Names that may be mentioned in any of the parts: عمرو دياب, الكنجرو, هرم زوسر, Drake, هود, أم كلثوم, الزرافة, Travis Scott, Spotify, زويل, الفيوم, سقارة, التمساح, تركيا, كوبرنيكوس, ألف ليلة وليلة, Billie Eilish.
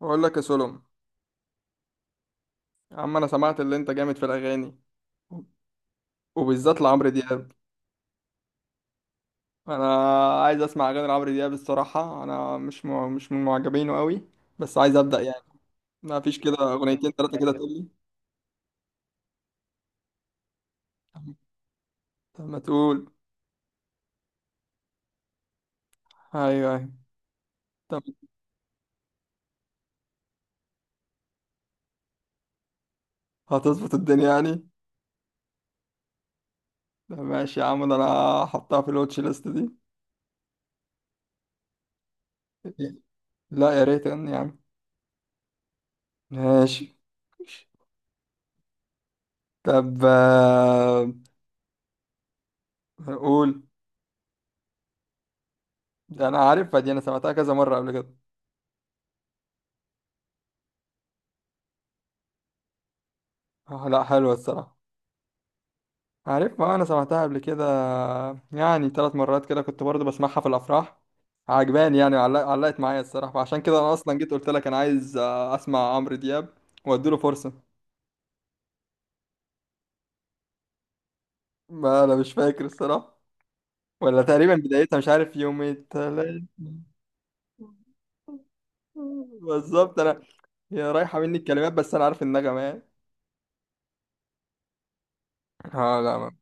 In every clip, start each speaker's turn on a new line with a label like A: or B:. A: بقول لك يا سولم. يا عم انا سمعت اللي انت جامد في الاغاني، وبالذات لعمرو دياب. انا عايز اسمع اغاني لعمرو دياب الصراحه، انا مش من معجبينه قوي، بس عايز ابدا يعني. ما فيش كده اغنيتين ثلاثه كده تقول لي؟ طب ما تقول. ايوه ايوه. طب هتظبط الدنيا يعني؟ طب ماشي يا عم، ده انا هحطها في الواتش ليست دي. لا يا ريت يعني يا عم. ماشي. طب قول. ده انا عارفها دي، انا سمعتها كذا مره قبل كده. لا حلوة الصراحة. عارف، ما انا سمعتها قبل كده، يعني ثلاث مرات كده كنت برضو بسمعها في الافراح. عجباني يعني علقت معايا الصراحة، فعشان كده انا اصلا جيت قلت لك انا عايز اسمع عمرو دياب واديله فرصة. ما انا مش فاكر الصراحة، ولا تقريبا بدايتها مش عارف، يوم التلات بالظبط. انا هي رايحة مني الكلمات بس انا عارف النغمة يعني. اه لا ما.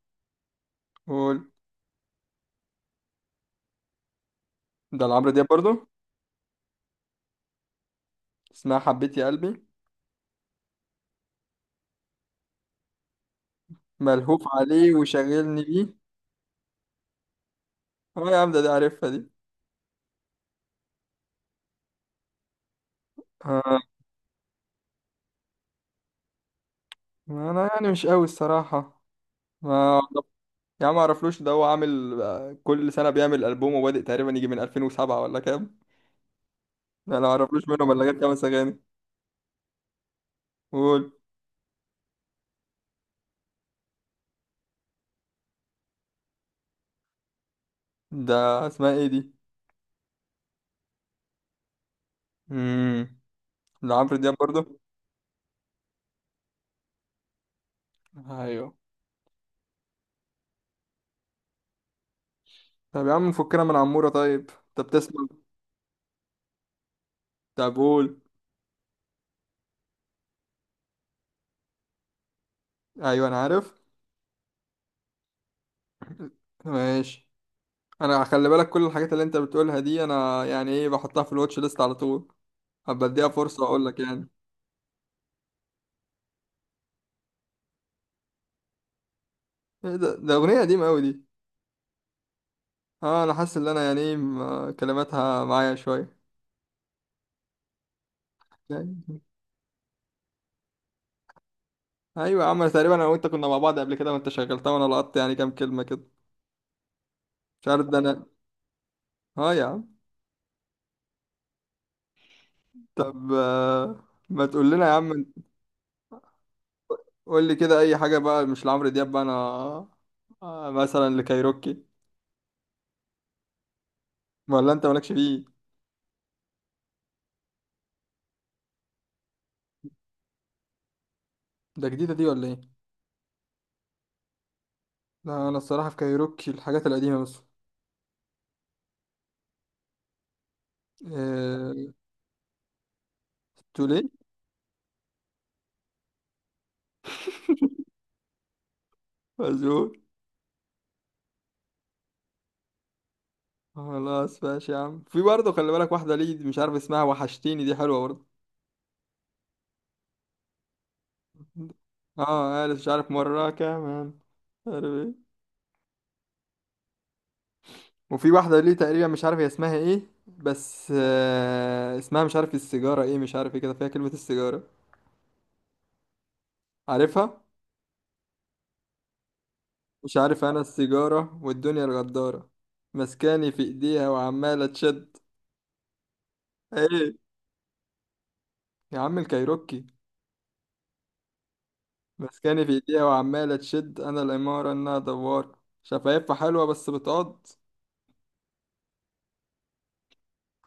A: قول. ده لعمرو دياب برضو؟ اسمها حبيت يا قلبي. ملهوف عليه وشاغلني بيه. اه يا عم ده دي عارفها دي. آه. ما انا يعني مش قوي الصراحة. ما يا عم معرفلوش ده، هو عامل كل سنة بيعمل ألبوم، وبادئ تقريبا يجي من 2007 ولا كام. لا انا معرفلوش منهم الا غير خمس اغاني. قول. ده اسمها ايه دي؟ امم. ده عمرو دياب برضه؟ ايوه. طب يا عم فكنا من عمورة طيب. طب تسمع؟ طب قول. ايوه انا عارف. ماشي. انا خلي بالك، كل الحاجات اللي انت بتقولها دي انا يعني ايه بحطها في الواتش ليست على طول. هبقى اديها فرصة واقول لك يعني. ايه ده؟ ده اغنية قديمة قوي دي. اه انا حاسس ان انا يعني كلماتها معايا شويه يعني. ايوه يا عم، تقريبا انا وانت كنا مع بعض قبل كده وانت شغلتها وانا لقطت يعني كام كلمه كده. مش عارف، ده انا. اه يا عم. طب ما تقول لنا يا عم. قول لي كده اي حاجه بقى، مش لعمرو دياب بقى انا. مثلا لكايروكي؟ ولا انت مالكش فيه؟ ده جديدة دي ولا ايه؟ لا انا الصراحه في كايروكي الحاجات القديمه بس. آه، توليه. مزول. خلاص ماشي يا عم. في برضه خلي بالك، واحده ليه مش عارف اسمها، وحشتيني دي حلوه برضه. اه قالت مش عارف مرة كمان، مش عارف ايه. وفي واحدة ليه تقريبا، مش عارف هي اسمها ايه، بس آه اسمها مش عارف السيجارة ايه، مش عارف ايه كده فيها كلمة السيجارة. عارفها؟ مش عارف انا، السيجارة والدنيا الغدارة، مسكاني في ايديها وعمالة تشد. ايه يا عم الكايروكي. مسكاني في ايديها وعمالة تشد، انا الامارة انها دوارة، شفايفها حلوة بس بتقض.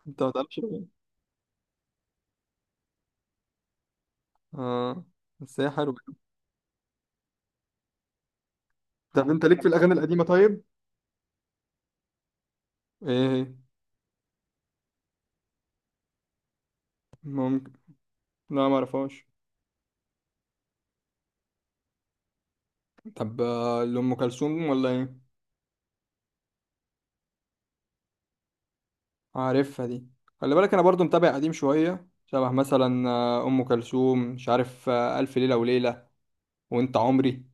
A: انت ما تعرفش إيه؟ اه. بس هي حلوة. طب انت ليك في الاغاني القديمة طيب؟ ايه هي؟ ممكن. لا ما اعرفهاش. طب لأم كلثوم ولا ايه؟ عارفها دي. خلي بالك انا برضو متابع قديم شوية، شبه مثلا ام كلثوم مش عارف الف ليلة وليلة وانت عمري.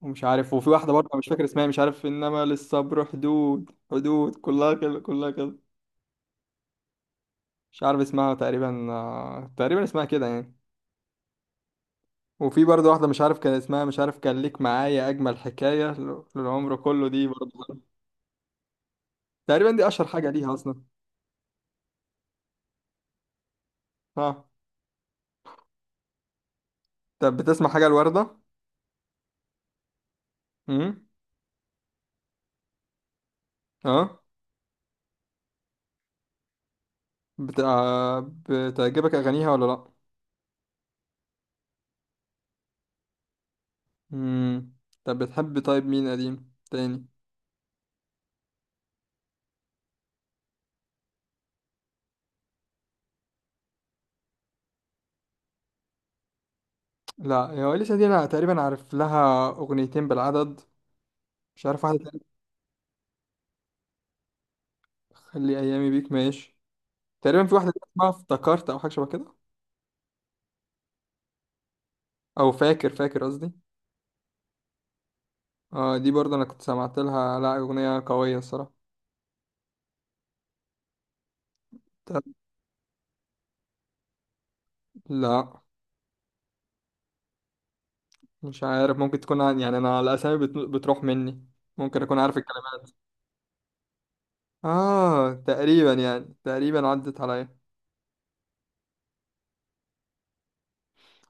A: ومش عارف، وفي واحدة برضه أنا مش فاكر اسمها، مش عارف انما للصبر حدود، حدود كلها كده كلها كده. مش عارف اسمها تقريبا، تقريبا اسمها كده يعني. وفي برضه واحدة مش عارف كان اسمها، مش عارف كان ليك معايا أجمل حكاية للعمر كله، دي برضه تقريبا دي أشهر حاجة ليها أصلا. ها. طب بتسمع حاجة الوردة؟ امم. اه. بتاع. بتعجبك اغانيها ولا لا؟ امم. طب بتحب طيب مين قديم تاني؟ لا هو لسه دي انا تقريبا عارف لها اغنيتين بالعدد. مش عارف واحده تانية. خلي ايامي بيك ماشي. تقريبا في واحده اسمها افتكرت او حاجه شبه كده، او فاكر، فاكر قصدي. اه دي برضه انا كنت سمعت لها، لا اغنيه قويه الصراحه. طب. لا مش عارف، ممكن تكون يعني انا الاسامي بتروح مني، ممكن اكون عارف الكلمات. اه تقريبا يعني، تقريبا عدت عليا.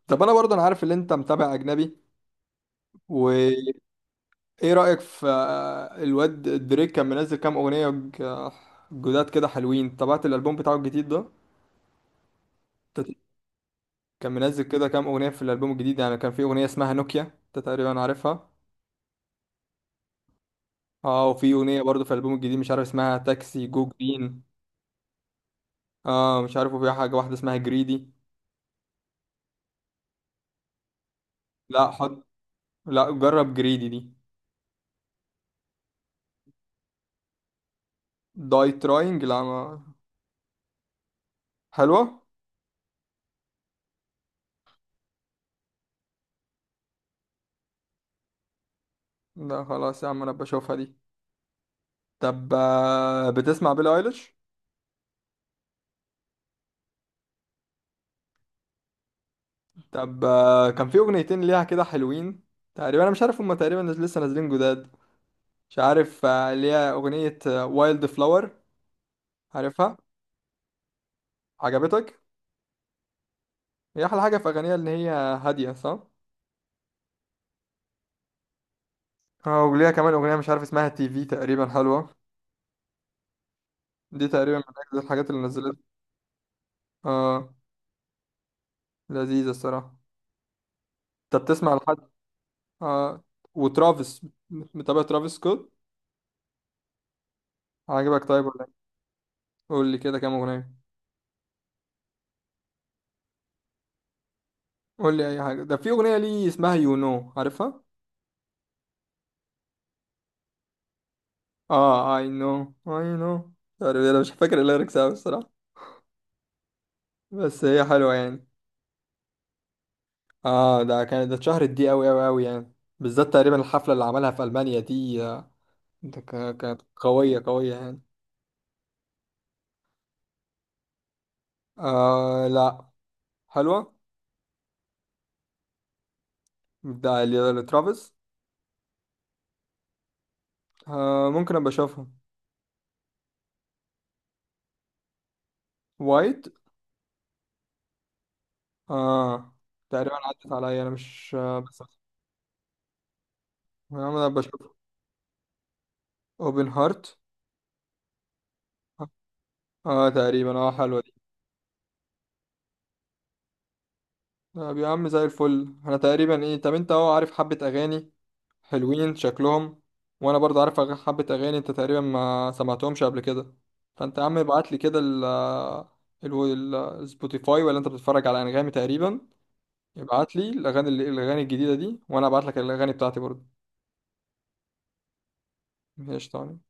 A: طب انا برضه انا عارف ان انت متابع اجنبي. وايه رايك في الواد دريك؟ كان منزل كام اغنيه جداد كده حلوين؟ تابعت الالبوم بتاعه الجديد ده؟ تت- كان منزل كده كام اغنيه في الالبوم الجديد يعني. كان في اغنيه اسمها نوكيا، انت تقريبا عارفها. اه. وفي اغنيه برضه في الالبوم الجديد مش عارف اسمها تاكسي جو جرين. اه مش عارف. وفي حاجه واحده اسمها جريدي. لا حط. لا جرب جريدي دي. داي تراينج لا ما... حلوه. لا خلاص يا عم انا بشوفها دي. طب بتسمع بيلي ايليش؟ طب كان في اغنيتين ليها كده حلوين. تقريبا انا مش عارف هما تقريبا لسه نازلين جداد. مش عارف ليها اغنية وايلد فلاور. عارفها؟ عجبتك؟ هي احلى حاجة في اغانيها ان هي هادية، صح؟ اه وليها كمان اغنية مش عارف اسمها تي في، تقريبا حلوة. دي تقريبا من اجل الحاجات اللي نزلتها. اه. لذيذة الصراحة. انت بتسمع لحد؟ اه. وترافيس. متابع ترافيس سكوت؟ عجبك طيب ولا إيه؟ قول لي كده كام اغنية؟ قول لي اي حاجة، ده في اغنية ليه اسمها يو نو، عارفها؟ اه اي نو، اي نو. انا مش فاكر الليركس قوي الصراحه، بس هي حلوه يعني. اه ده كانت ده اتشهرت دي قوي قوي قوي يعني، بالذات تقريبا الحفله اللي عملها في المانيا دي. ده كانت قويه قويه يعني. آه لا حلوه. ده لترافيس. آه ممكن ابقى اشوفها. وايت. اه تقريبا عدت عليا انا مش آه بس. انا ابقى اشوفها. اوبن هارت. اه تقريبا اه حلوه دي. طب يا عم زي الفل. انا تقريبا ايه، طب انت اهو عارف حبة اغاني حلوين شكلهم، وانا برضه عارف حبة اغاني انت تقريبا ما سمعتهمش قبل كده. فانت يا عم ابعت لي كده ال السبوتيفاي، ولا انت بتتفرج على انغامي تقريبا؟ ابعت لي الاغاني الاغاني الجديدة دي، وانا ابعت لك الاغاني بتاعتي برضه. ماشي تمام.